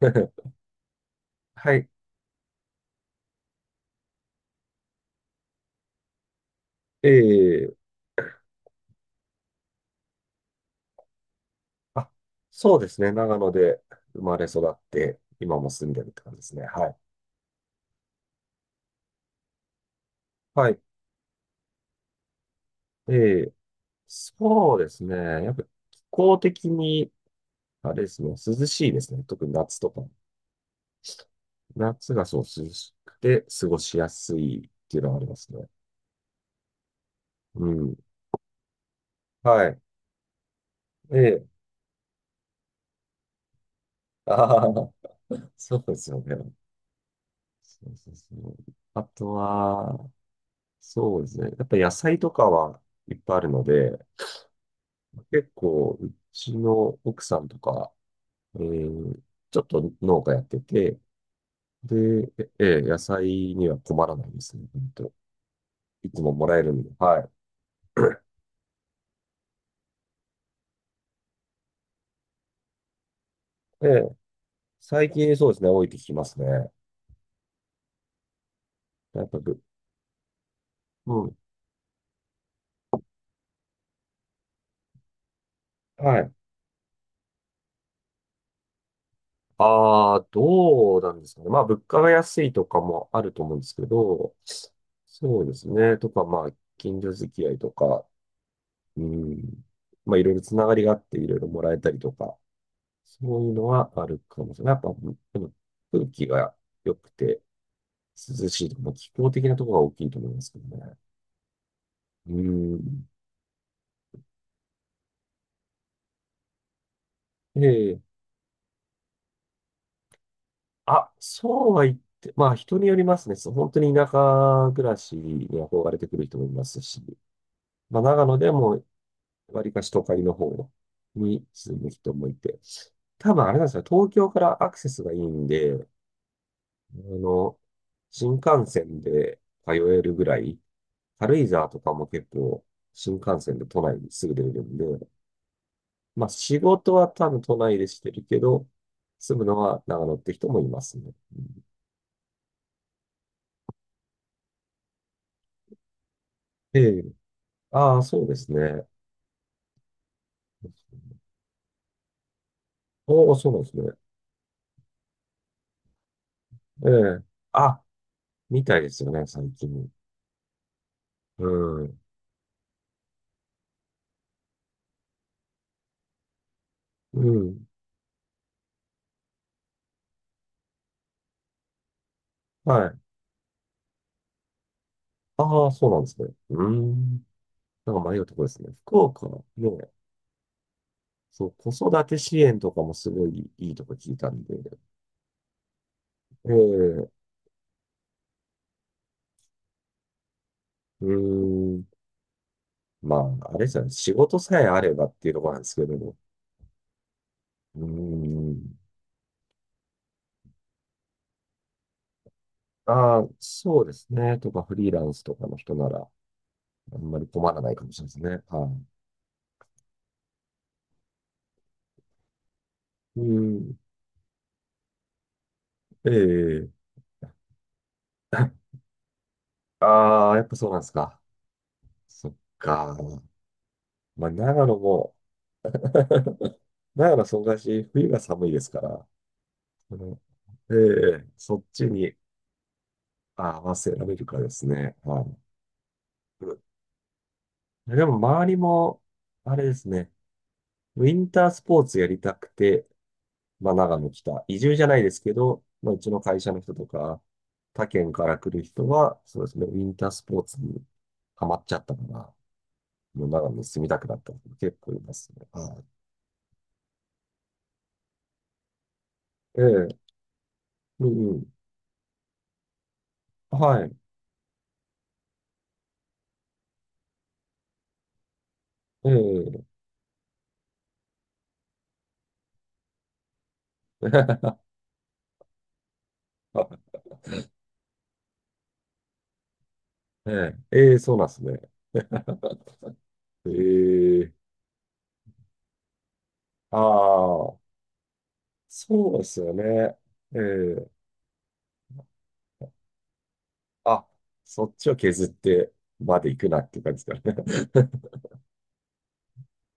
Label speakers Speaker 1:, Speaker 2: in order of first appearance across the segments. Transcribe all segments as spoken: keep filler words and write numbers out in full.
Speaker 1: はい。ええあ、そうですね。長野で生まれ育って、今も住んでるって感じですね。はい。はい。ええそうですね。やっぱ気候的に、あれですね、涼しいですね。特に夏とか。夏がそう涼しくて過ごしやすいっていうのはありますね。うん。はい。ええああー、そうですよね。そうそうそう。あとは、そうですね。やっぱ野菜とかはいっぱいあるので、結構、うちの奥さんとか、えーちょっと農家やってて、で、ええ、野菜には困らないですね、本当。いつももらえるんで、はい。ええ、最近そうですね、多いって聞きますね。やっぱぶ、うん。はい。ああ、どうなんですかね。まあ、物価が安いとかもあると思うんですけど、そうですね。とか、まあ、近所付き合いとか、うん。まあ、いろいろつながりがあって、いろいろもらえたりとか、そういうのはあるかもしれない。やっぱ、でも空気が良くて涼しいとか、まあ気候的なところが大きいと思いますけどね。うーん。で、あ、そうは言って、まあ人によりますね。そう本当に田舎暮らしに憧れてくる人もいますし、まあ長野でも割かし都会の方に住む人もいて、多分あれなんですよ。東京からアクセスがいいんで、あの、新幹線で通えるぐらい、軽井沢とかも結構新幹線で都内にすぐ出れるんで、まあ仕事は多分都内でしてるけど、住むのは長野って人もいますね。ええ。ああ、そうですね。おお、そうなんですね。ええ。あ、みたいですよね、最近。うん。うん。はい。ああ、そうなんですね。うーん。なんか迷うとこですね。福岡ね、そう、子育て支援とかもすごいいいとこ聞いたんで。ええ。うーん。まあ、あれですよね。仕事さえあればっていうところなんですけども。うーん。ああ、そうですね。とか、フリーランスとかの人なら、あんまり困らないかもしれないですね。はい。うん。ええ ああ、やっぱそうなんですか。そっか。まあ、長野も、長野そんなし、冬が寒いですから、そのええそっちに合わせられるかですね。はい。うんでも、周りも、あれですね。ウィンタースポーツやりたくて、まあ、長野来た。移住じゃないですけど、まあ、うちの会社の人とか、他県から来る人は、そうですね、ウィンタースポーツにハマっちゃったから、もう長野に住みたくなった人結構いますね。はい。ええ、うんうん。はい。ええ、ええ、ええ、そうなんですね。ええ、ああ、そうですよね。ええ、あ、そっちを削ってまで行くなっていう感じですかね。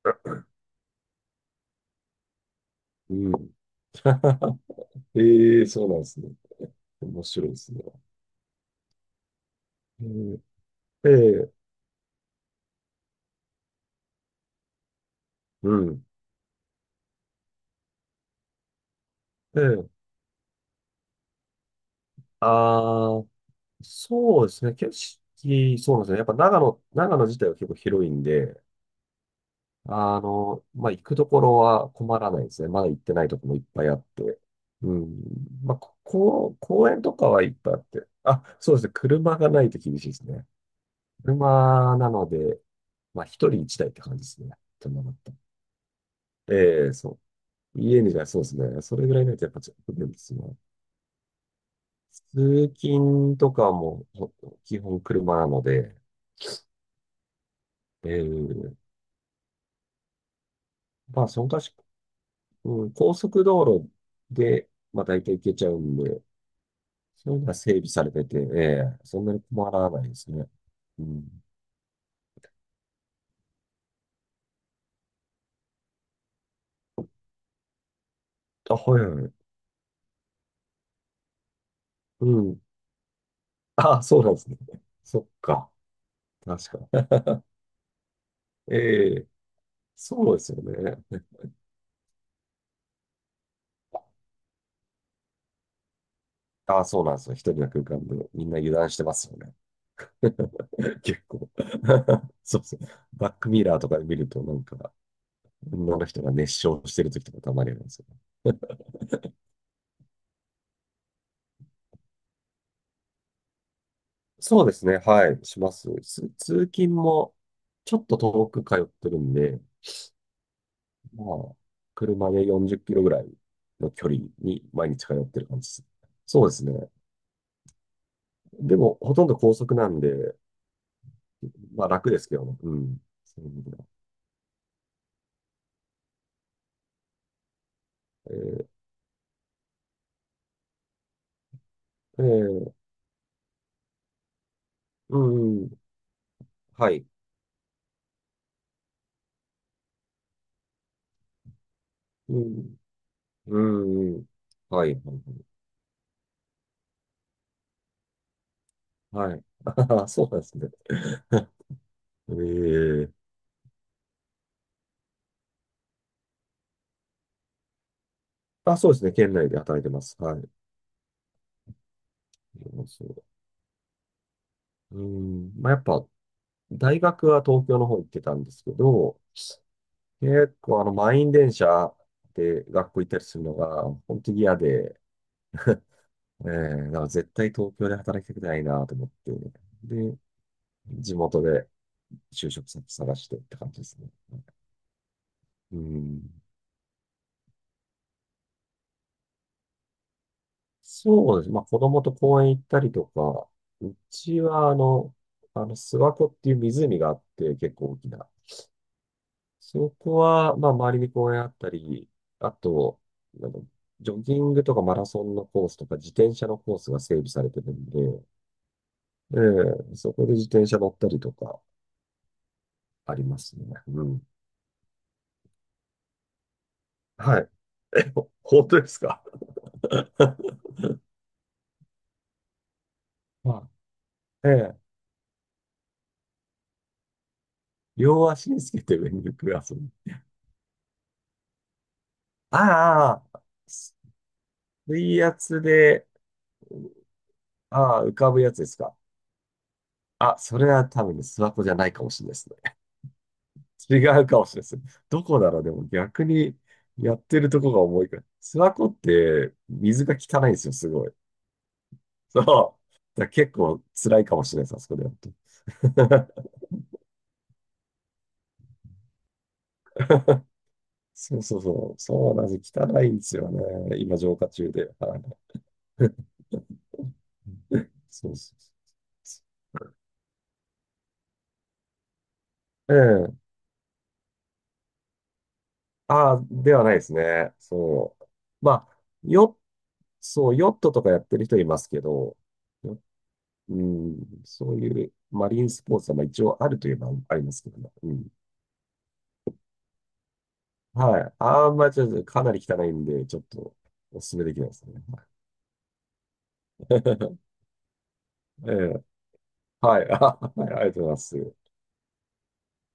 Speaker 1: うん。ええそうなんですね。面白いですね。ええええうん。ええああそうですね。景色、そうですね。やっぱ長野、長野自体は結構広いんで、あの、まあ、行くところは困らないですね。まだ行ってないところもいっぱいあって。うん。まあ、ここ、公園とかはいっぱいあって。あ、そうですね。車がないと厳しいですね。車なので、まあ、一人一台って感じですね。車だったらええそう家にじゃそうですね。それぐらいないとやっぱちょっと不便ですね。通勤とかもほ基本車なので、えー、まあ、そのかし、うん、高速道路で、まあ、大体行けちゃうんで、そういうのが整備されてて、ええそんなに困らないですね。うん。あ、はいはい。うん。あ、そうなんですね。そっか。確か。ええそうですよね。あ、そうなんですよ。一人の空間でみんな油断してますよね。結構 そうそう。バックミラーとかで見ると、なんか、女の人が熱唱してる時とかたまにありますよね。そうですね。はい。します。つ通勤も、ちょっと遠く通ってるんで、まあ、車でよんじゅっキロぐらいの距離に毎日通ってる感じです。そうですね。でも、ほとんど高速なんで、まあ楽ですけどね。うん。そういう意味ではえーえーうんうん。はい。うん。うんうん。はい。はいはい。ああ、そうなんですね。ええあ、そうですね。県内で働いてます。はい。そう。うん。まあ、やっぱ、大学は東京の方行ってたんですけど、結構あの、満員電車で学校行ったりするのが、本当に嫌で、ええだから絶対東京で働きたくないなと思って、で、地元で就職先探してって感じですね。うん。そうです。まあ、子供と公園行ったりとか、うちは、あの、あの、諏訪湖っていう湖があって、結構大きな。そこは、まあ、周りに公園あったり、あと、なんか、ジョギングとかマラソンのコースとか、自転車のコースが整備されてるんで、ええそこで自転車乗ったりとか、ありますね。うん。はい。本当ですか はい。ええ両足につけて上に浮く遊び。ああ、水圧で、ああ、浮かぶやつですか。あ、それは多分ね、諏訪湖じゃないかもしれないですね。違うかもしれないですね。どこだろう、でも逆にやってるとこが重いから。諏訪湖って水が汚いんですよ、すごい。そう。だから結構辛いかもしれないです、あそこでやると。そうそうそう。そうなんです。汚いんですよね。今、浄化中で。はい そうそうそう。うん。ああ、ではないですね。そう。まあ、ヨッ、そう、ヨットとかやってる人いますけど、ううん、そういうマリンスポーツはまあ一応あるといえばありますけどね。うん。はい。あんまりちょっとかなり汚いんで、ちょっとお勧めできないですね。ええはい。あはいありがとうございます。